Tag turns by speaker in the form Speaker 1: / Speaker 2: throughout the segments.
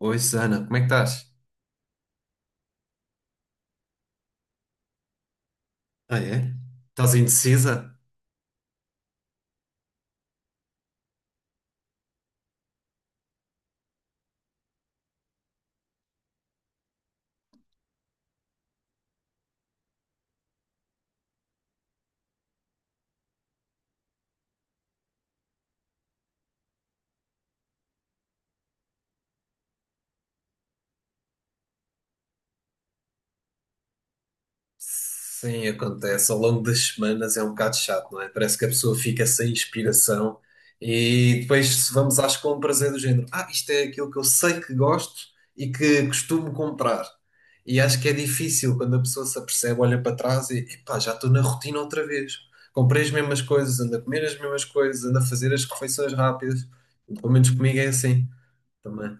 Speaker 1: Oi, Susana, como é que estás? Ah, é? Estás indecisa? Sim, acontece. Ao longo das semanas é um bocado chato, não é? Parece que a pessoa fica sem inspiração e depois se vamos às compras é do género. Ah, isto é aquilo que eu sei que gosto e que costumo comprar. E acho que é difícil quando a pessoa se apercebe, olha para trás e epá, já estou na rotina outra vez. Comprei as mesmas coisas, ando a comer as mesmas coisas, ando a fazer as refeições rápidas. Pelo menos comigo é assim também.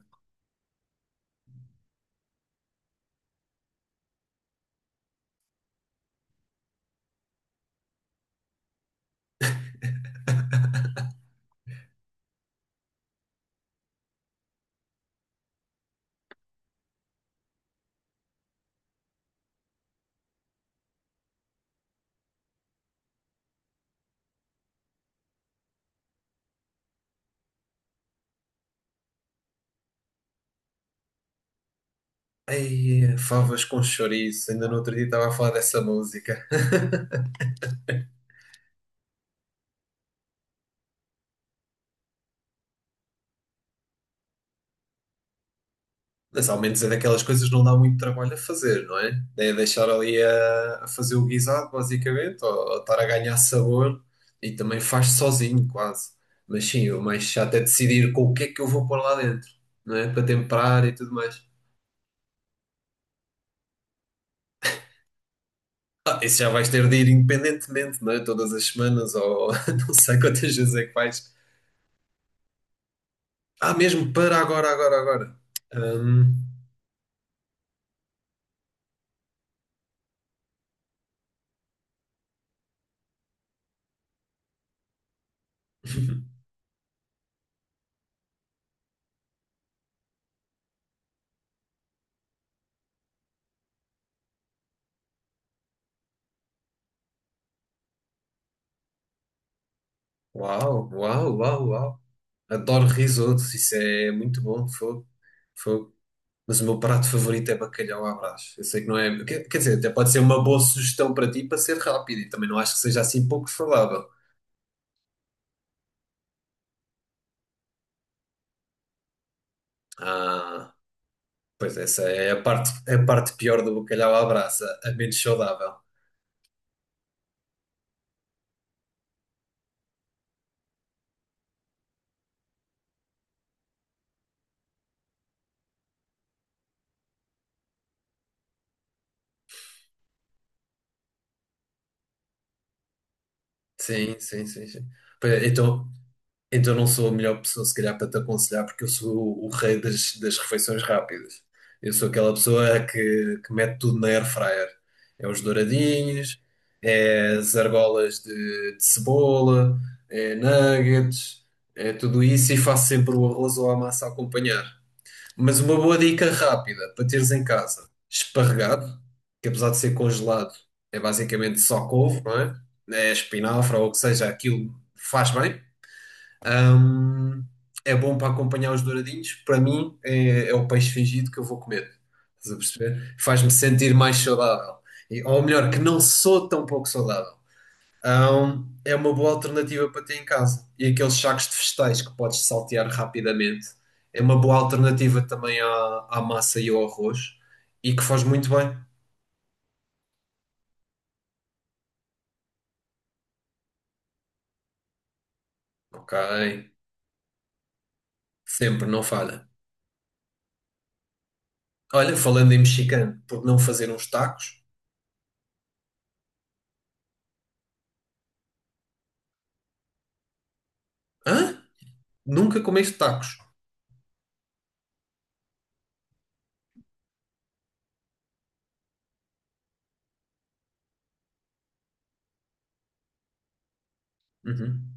Speaker 1: Ai, favas com chouriço. Ainda no outro dia estava a falar dessa música. Mas ao menos é daquelas coisas que não dá muito trabalho a fazer, não é? É deixar ali a fazer o guisado, basicamente, ou estar a ganhar sabor e também faz sozinho, quase. Mas sim, o mais chato é decidir com o que é que eu vou pôr lá dentro, não é? Para temperar e tudo mais. Ah, isso já vais ter de ir independentemente, não é? Todas as semanas ou não sei quantas vezes é que vais. Ah, mesmo para agora, agora, agora. Hum. Uau, uau, uau, uau. Adoro risotos, isso é muito bom, fogo, fogo. Mas o meu prato favorito é bacalhau à Brás. Eu sei que não é. Quer dizer, até pode ser uma boa sugestão para ti para ser rápido e também não acho que seja assim pouco falável. Ah, pois essa é a parte pior do bacalhau à Brás, a menos saudável. Sim, sim, sim, sim. Pois é. Então não sou a melhor pessoa, se calhar, para te aconselhar, porque eu sou o rei das refeições rápidas. Eu sou aquela pessoa que mete tudo na air fryer. É os douradinhos, é as argolas de cebola, é nuggets, é tudo isso e faço sempre o arroz ou a massa a acompanhar. Mas uma boa dica rápida para teres em casa: esparregado, que apesar de ser congelado, é basicamente só couve, não é? É espinafre ou o que seja, aquilo faz bem. Hum, é bom para acompanhar os douradinhos. Para mim, é, é o peixe fingido que eu vou comer. Estás a perceber? Faz-me sentir mais saudável. Ou melhor, que não sou tão pouco saudável. É uma boa alternativa para ter em casa. E aqueles sacos de vegetais que podes saltear rapidamente. É uma boa alternativa também à, à massa e ao arroz. E que faz muito bem. Ok. Sempre, não falha. Olha, falando em mexicano, por não fazer uns tacos? Hã? Nunca comeste tacos? Uhum.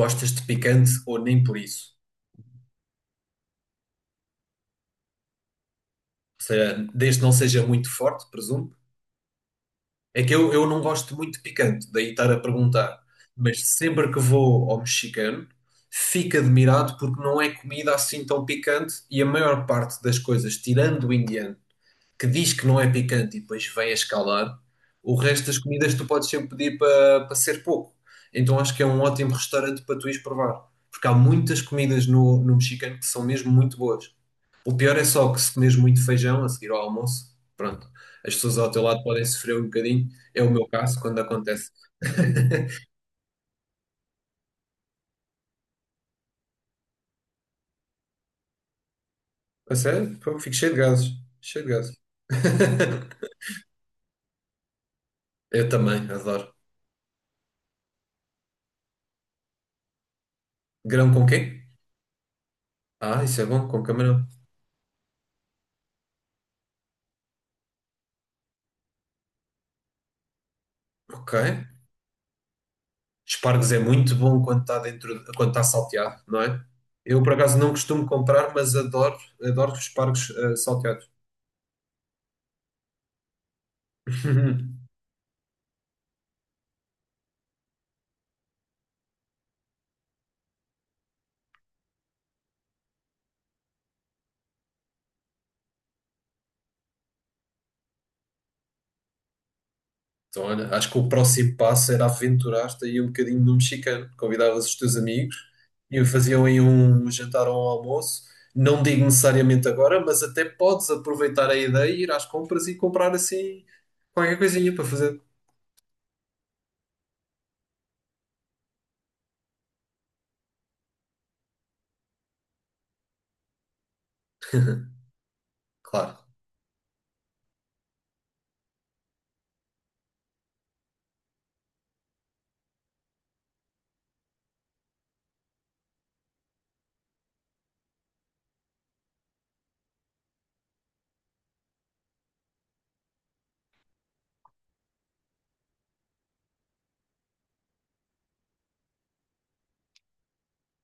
Speaker 1: Gostas de picante ou nem por isso? Ou seja, desde que não seja muito forte, presumo. É que eu não gosto muito de picante, daí estar a perguntar. Mas sempre que vou ao mexicano, fico admirado porque não é comida assim tão picante e a maior parte das coisas, tirando o indiano, que diz que não é picante e depois vem a escalar, o resto das comidas tu podes sempre pedir para ser pouco. Então acho que é um ótimo restaurante para tu ires provar. Porque há muitas comidas no, no mexicano que são mesmo muito boas. O pior é só que se comes muito feijão a seguir ao almoço, pronto, as pessoas ao teu lado podem sofrer um bocadinho. É o meu caso quando acontece. A sério? Pô, fico cheio de gases. Cheio de gases. Eu também, adoro. Grão com quê? Ah, isso é bom, com camarão. Ok. Espargos é muito bom quando está dentro, quando está salteado, não é? Eu por acaso não costumo comprar, mas adoro, adoro espargos salteados. Então, olha, acho que o próximo passo era aventurar-te aí um bocadinho no mexicano. Convidavas os teus amigos e faziam aí um jantar ou um almoço. Não digo necessariamente agora, mas até podes aproveitar a ideia e ir às compras e comprar assim qualquer coisinha para fazer. Claro.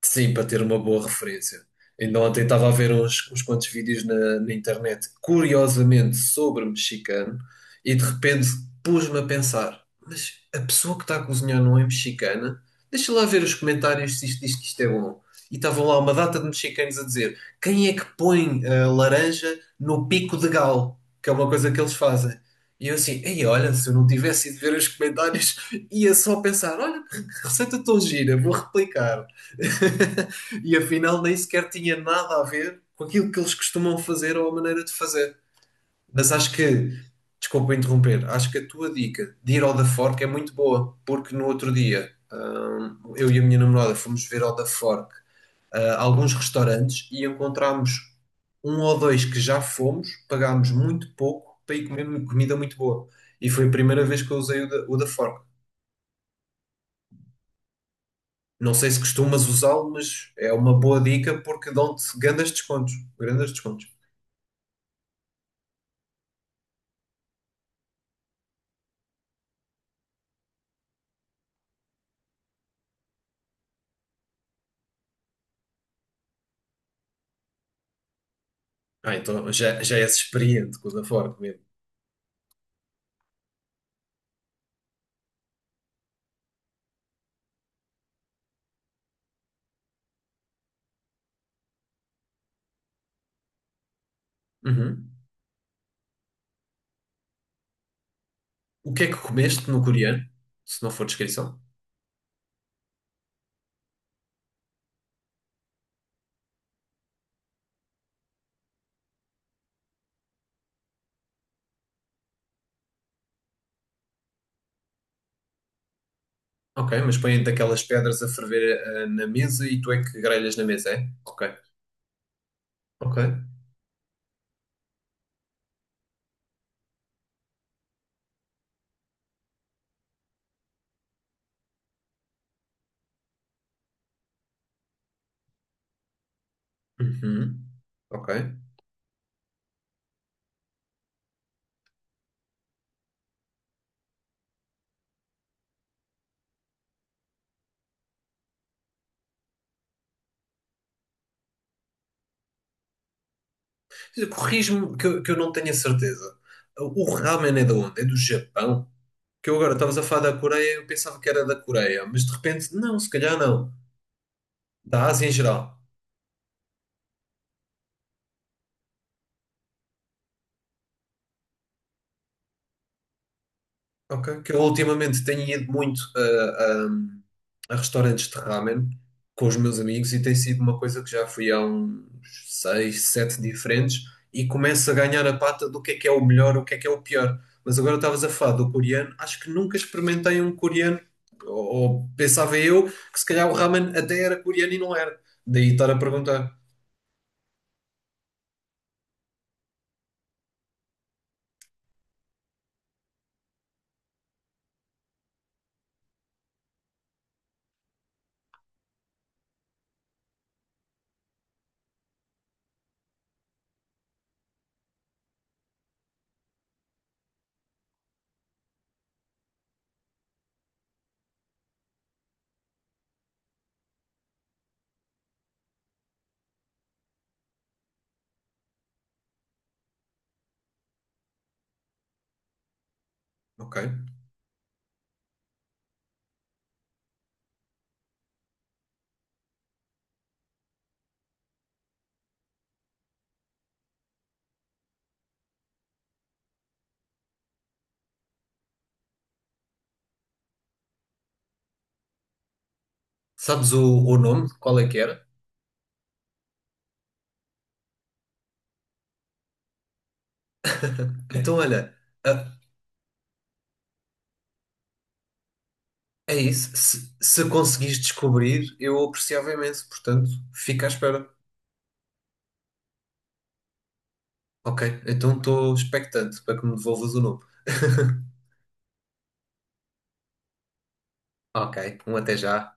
Speaker 1: Sim, para ter uma boa referência. Ainda ontem estava a ver uns quantos vídeos na internet, curiosamente sobre mexicano, e de repente pus-me a pensar: mas a pessoa que está a cozinhar não é mexicana? Deixa lá ver os comentários se isto diz que isto é bom. E estavam lá uma data de mexicanos a dizer: quem é que põe a laranja no pico de galo? Que é uma coisa que eles fazem. E eu assim, ei, olha, se eu não tivesse ido ver os comentários, ia só pensar: olha, que receita tão gira, vou replicar. E afinal nem sequer tinha nada a ver com aquilo que eles costumam fazer ou a maneira de fazer. Mas acho que, desculpa interromper, acho que a tua dica de ir ao da Fork é muito boa, porque no outro dia eu e a minha namorada fomos ver ao da Fork alguns restaurantes e encontramos um ou dois que já fomos, pagámos muito pouco para ir comer comida muito boa. E foi a primeira vez que eu usei o da Fork. Não sei se costumas usá-lo, mas é uma boa dica porque dão-te grandes descontos. Grandes descontos. Ah, então já, já és experiente com o da Ford mesmo. Uhum. O que é que comeste no coreano? Se não for descrição. Ok, mas põem daquelas pedras a ferver na mesa e tu é que grelhas na mesa, é? Ok. Ok. Uhum. Ok. Corrijo-me que eu não tenho a certeza. O ramen é de onde? É do Japão? Que eu agora estavas a falar da Coreia, eu pensava que era da Coreia, mas de repente, não, se calhar não. Da Ásia em geral. Ok, que eu ultimamente tenho ido muito a, a- a restaurantes de ramen com os meus amigos e tem sido uma coisa que já fui a uns seis, sete diferentes e começo a ganhar a pata do que é o melhor, o que é o pior. Mas agora estavas a falar do coreano, acho que nunca experimentei um coreano, ou, ou pensava eu que se calhar o ramen até era coreano e não era. Daí estar a perguntar. Ok. Sabes o nome? Qual é que era? Então, olha, é isso. Se conseguires descobrir, eu apreciava imenso. Portanto, fica à espera. Ok, então estou expectante para que me devolvas o nome. Ok, um até já.